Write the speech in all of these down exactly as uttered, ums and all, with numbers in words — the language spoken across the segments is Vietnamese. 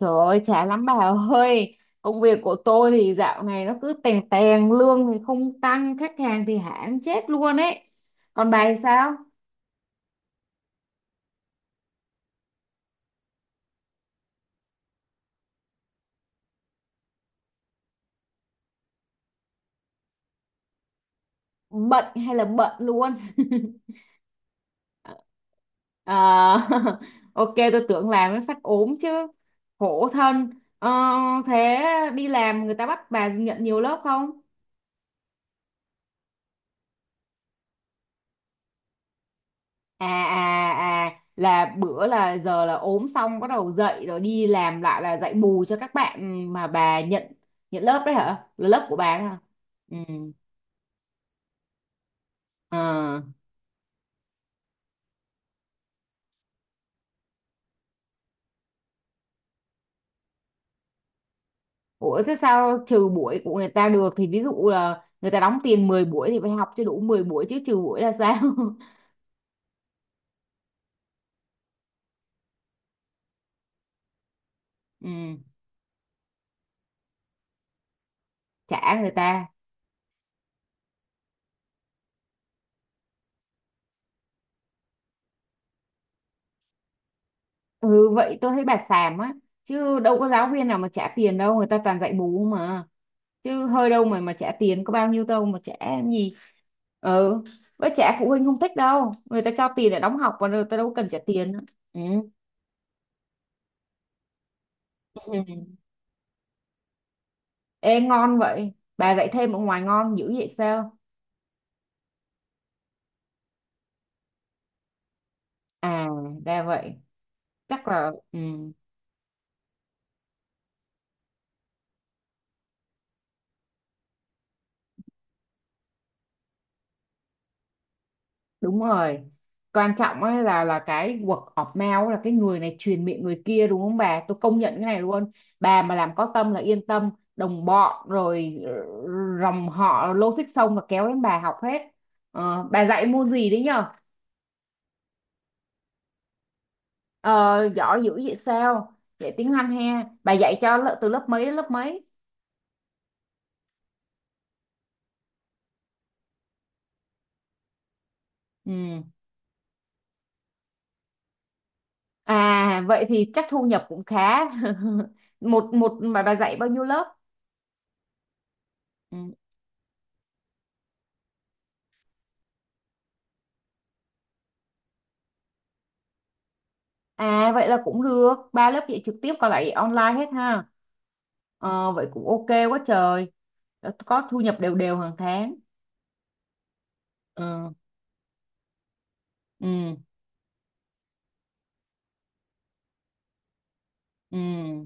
Trời ơi, chán lắm bà ơi. Công việc của tôi thì dạo này nó cứ tèn tèn. Lương thì không tăng, khách hàng thì hãm chết luôn ấy. Còn bà thì sao? Bận hay là bận luôn? Ờ. Ok, tôi tưởng làm mới phát ốm chứ. Khổ thân. Ờ. Thế đi làm người ta bắt bà nhận nhiều lớp không? À à à là bữa là giờ là ốm xong bắt đầu dậy rồi đi làm lại là dạy bù cho các bạn mà bà nhận nhận lớp đấy hả? Là lớp của bà đấy hả? Ừ. Ờ. Ủa, thế sao trừ buổi của người ta được? Thì ví dụ là người ta đóng tiền mười buổi thì phải học cho đủ mười buổi chứ, trừ buổi là sao? Ừ. Trả người ta. Ừ, vậy tôi thấy bà xàm á. Chứ đâu có giáo viên nào mà trả tiền đâu, người ta toàn dạy bù mà. Chứ hơi đâu mà mà trả tiền, có bao nhiêu đâu mà trả làm gì. Ừ, với trả phụ huynh không thích đâu, người ta cho tiền để đóng học và người ta đâu cần trả tiền nữa. Ừ. Ừ. Ê, ngon vậy? Bà dạy thêm ở ngoài ngon dữ vậy sao? À, ra vậy. Chắc là ừ. Đúng rồi, quan trọng ấy là là cái word of mouth, là cái người này truyền miệng người kia, đúng không bà, tôi công nhận cái này luôn. Bà mà làm có tâm là yên tâm. Đồng bọn rồi, ờ, dòng họ logic xong là kéo đến bà học hết. Ờ, bà dạy môn gì đấy nhờ? Ờ, giỏi dữ vậy sao? Dạy tiếng Anh ha, bà dạy cho lợ- từ lớp mấy đến lớp mấy? Ừ. À vậy thì chắc thu nhập cũng khá. một một mà bà dạy bao nhiêu lớp? Ừ. À vậy là cũng được, ba lớp dạy trực tiếp còn lại online hết ha. Ờ, vậy cũng ok quá trời. Đã có thu nhập đều đều hàng tháng. Ừ, ừ, ừ,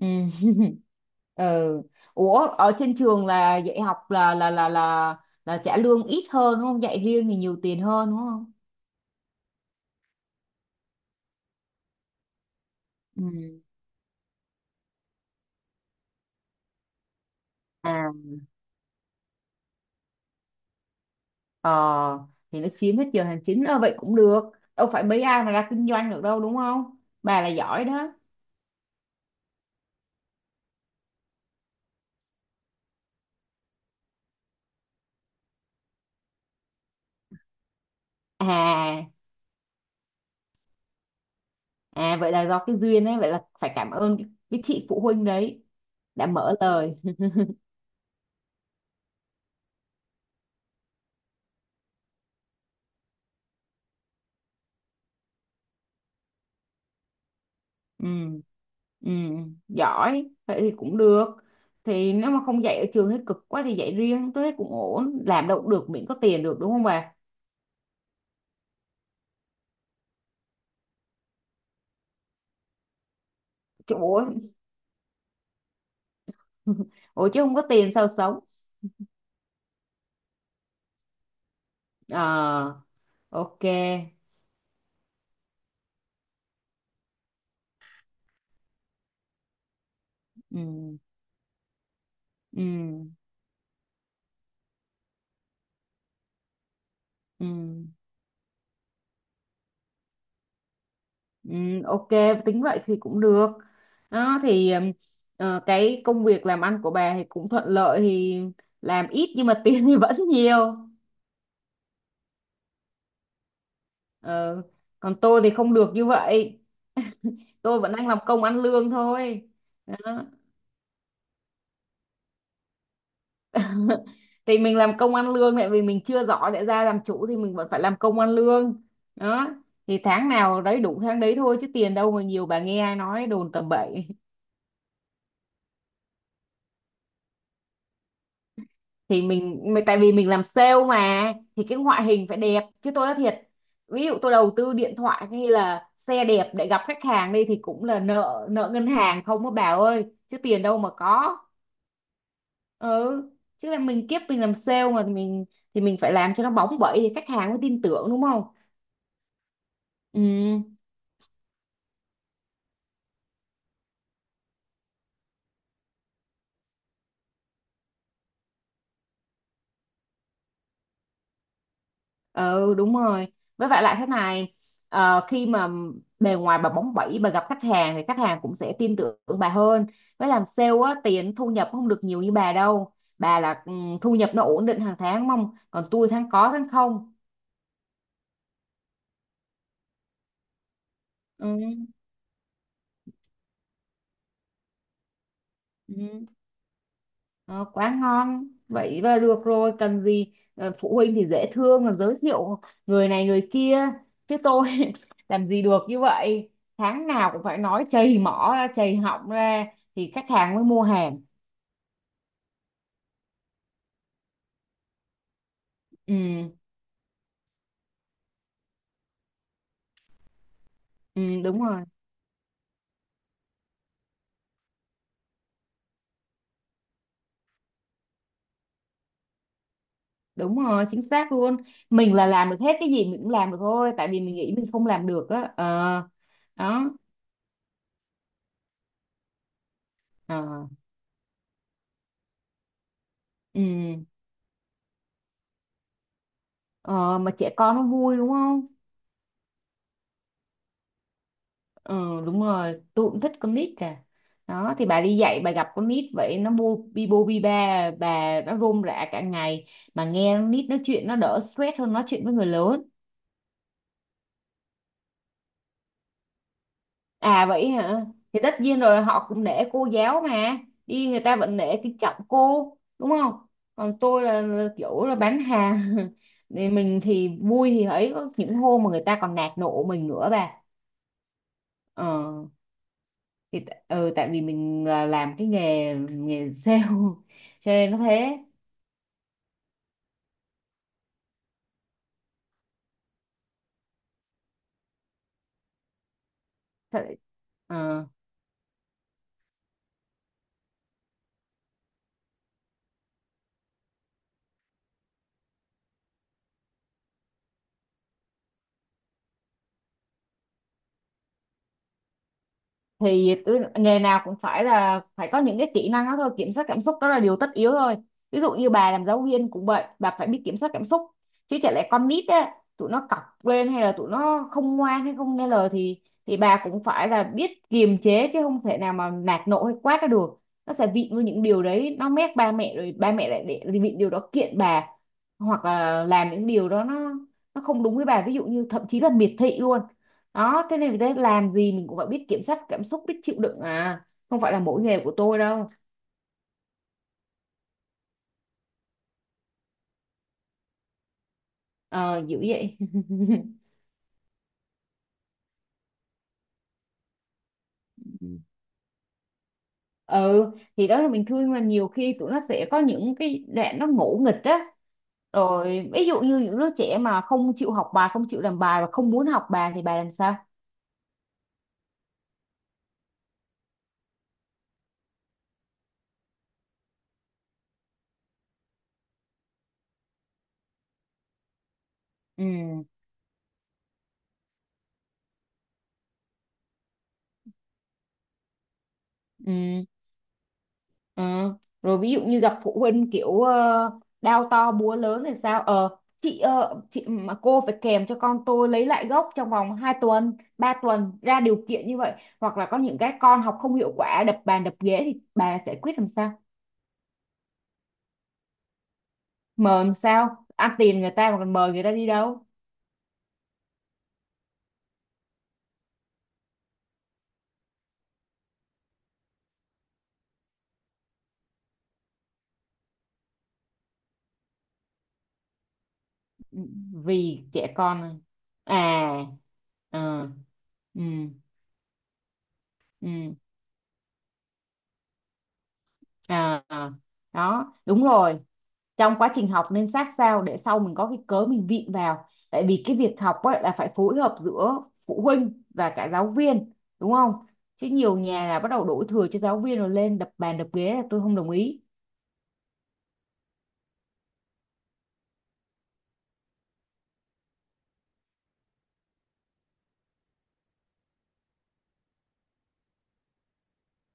ừ. Ừ. Ủa, ở trên trường là dạy học là là là là là trả lương ít hơn đúng không? Dạy riêng thì nhiều tiền hơn đúng không? Ừ. À, ờ thì nó chiếm hết giờ hành chính. Ờ vậy cũng được. Đâu phải mấy ai mà ra kinh doanh được đâu đúng không? Bà là giỏi đó. À à vậy là do cái duyên ấy, vậy là phải cảm ơn cái, cái chị phụ huynh đấy đã mở lời. Ừ, ừ. Giỏi vậy thì cũng được. Thì nếu mà không dạy ở trường thấy cực quá thì dạy riêng tôi thấy cũng ổn, làm đâu cũng được miễn có tiền được đúng không bà? Chứ ủa. Ủa, chứ không có tiền sao sống? Ờ. Ok. Ừ. Ừ. Ừ. Ừ, ok, tính vậy thì cũng được đó. Thì ừm, ờ, cái công việc làm ăn của bà thì cũng thuận lợi thì làm ít nhưng mà tiền thì vẫn nhiều. Ờ, còn tôi thì không được như vậy, tôi vẫn đang làm công ăn lương thôi. Đó. Thì mình làm công ăn lương tại vì mình chưa giỏi để ra làm chủ thì mình vẫn phải làm công ăn lương đó. Thì tháng nào đấy đủ tháng đấy thôi, chứ tiền đâu mà nhiều, bà nghe ai nói đồn tầm bậy. Thì mình mà tại vì mình làm sale mà thì cái ngoại hình phải đẹp chứ, tôi nói thiệt. Ví dụ tôi đầu tư điện thoại hay là xe đẹp để gặp khách hàng đi thì cũng là nợ nợ ngân hàng không á bà ơi, chứ tiền đâu mà có. Ừ, chứ là mình kiếp mình làm sale mà mình thì mình phải làm cho nó bóng bẩy thì khách hàng mới tin tưởng đúng không? Ừ. Ừ, đúng rồi. Với lại lại thế này, ờ, khi mà bề ngoài bà bóng bẩy bà gặp khách hàng thì khách hàng cũng sẽ tin tưởng bà hơn. Với làm sale á tiền thu nhập không được nhiều như bà đâu. Bà là ừ, thu nhập nó ổn định hàng tháng mong, còn tôi tháng có tháng không. Ừ. Ừ. Ờ, quá ngon vậy là được rồi, cần gì. Ờ, phụ huynh thì dễ thương là giới thiệu người này người kia, chứ tôi làm gì được như vậy. Tháng nào cũng phải nói chầy mỏ ra chầy họng ra thì khách hàng mới mua hàng. Ừ, ừ, đúng rồi, đúng rồi, chính xác luôn. Mình là làm được hết, cái gì mình cũng làm được thôi, tại vì mình nghĩ mình không làm được á. Ờ. Đó. Ờ. Ừ. Ờ mà trẻ con nó vui đúng không? Ừ, đúng rồi, tôi cũng thích con nít cả. Đó thì bà đi dạy bà gặp con nít vậy nó bu bi bô bi ba bà, nó rôm rả cả ngày. Mà nghe con nít nói chuyện nó đỡ stress hơn nói chuyện với người lớn. À vậy hả? Thì tất nhiên rồi, họ cũng nể cô giáo mà. Đi người ta vẫn nể kính trọng cô, đúng không? Còn tôi là, là kiểu là bán hàng. Thì mình thì vui thì ấy, có những hôm mà người ta còn nạt nộ mình nữa bà. Ờ, thì t- ừ, tại vì mình là làm cái nghề nghề sale cho nên nó thế. Thật- ờ. Thì tôi nghề nào cũng phải là phải có những cái kỹ năng đó thôi, kiểm soát cảm xúc đó là điều tất yếu thôi. Ví dụ như bà làm giáo viên cũng vậy, bà phải biết kiểm soát cảm xúc chứ, chả lẽ con nít á, tụi nó cọc lên hay là tụi nó không ngoan hay không nghe lời thì thì bà cũng phải là biết kiềm chế, chứ không thể nào mà nạt nộ hay quát ra được. Nó sẽ vịn với những điều đấy, nó mét ba mẹ rồi ba mẹ lại để vịn điều đó kiện bà, hoặc là làm những điều đó nó nó không đúng với bà, ví dụ như thậm chí là miệt thị luôn. Đó thế nên đấy, làm gì mình cũng phải biết kiểm soát cảm xúc, biết chịu đựng à, không phải là mỗi nghề của tôi đâu. Ờ dữ vậy. Ừ, thì đó là mình thương mà nhiều khi tụi nó sẽ có những cái đoạn nó ngỗ nghịch á. Rồi ví dụ như những đứa trẻ mà không chịu học bài, không chịu làm bài và không muốn học bài thì bà làm sao? Ừ. Ừ. Ừ. Rồi ví dụ như gặp phụ huynh kiểu ờ, đao to búa lớn thì sao? Ờ, chị ờ, chị mà cô phải kèm cho con tôi lấy lại gốc trong vòng hai tuần, ba tuần ra điều kiện như vậy, hoặc là có những cái con học không hiệu quả đập bàn đập ghế thì bà giải quyết làm sao? Mời làm sao? Ăn tiền người ta mà còn mời người ta đi đâu? Ừ. Vì trẻ con này. À. Ờ. Ừ. Ừ. À. À. Đó đúng rồi. Trong quá trình học nên sát sao để sau mình có cái cớ mình vịn vào, tại vì cái việc học ấy là phải phối hợp giữa phụ huynh và cả giáo viên đúng không? Chứ nhiều nhà là bắt đầu đổ thừa cho giáo viên rồi lên đập bàn đập ghế là tôi không đồng ý.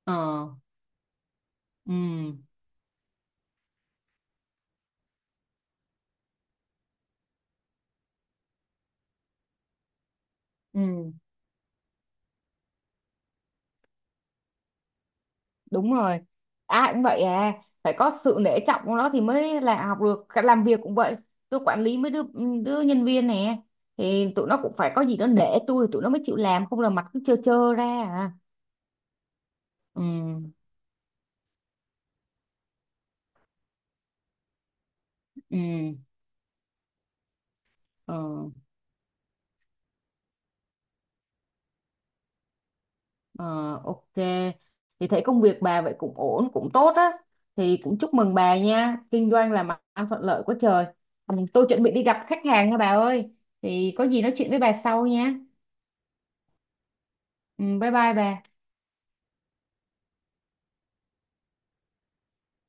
Ờ. Ừ. Ừ, đúng rồi, ai cũng vậy à, phải có sự nể trọng của nó thì mới là học được. Cả làm việc cũng vậy, tôi quản lý mấy đứa đứa nhân viên nè thì tụi nó cũng phải có gì đó nể tôi tụi nó mới chịu làm, không là mặt cứ trơ trơ ra à. Ừ. Ừ. Ờ, ờ, ok. Thì thấy công việc bà vậy cũng ổn, cũng tốt á. Thì cũng chúc mừng bà nha. Kinh doanh là mặt ăn thuận lợi quá trời. Ừ, tôi chuẩn bị đi gặp khách hàng nha bà ơi. Thì có gì nói chuyện với bà sau nha. Ừ, bye bye bà.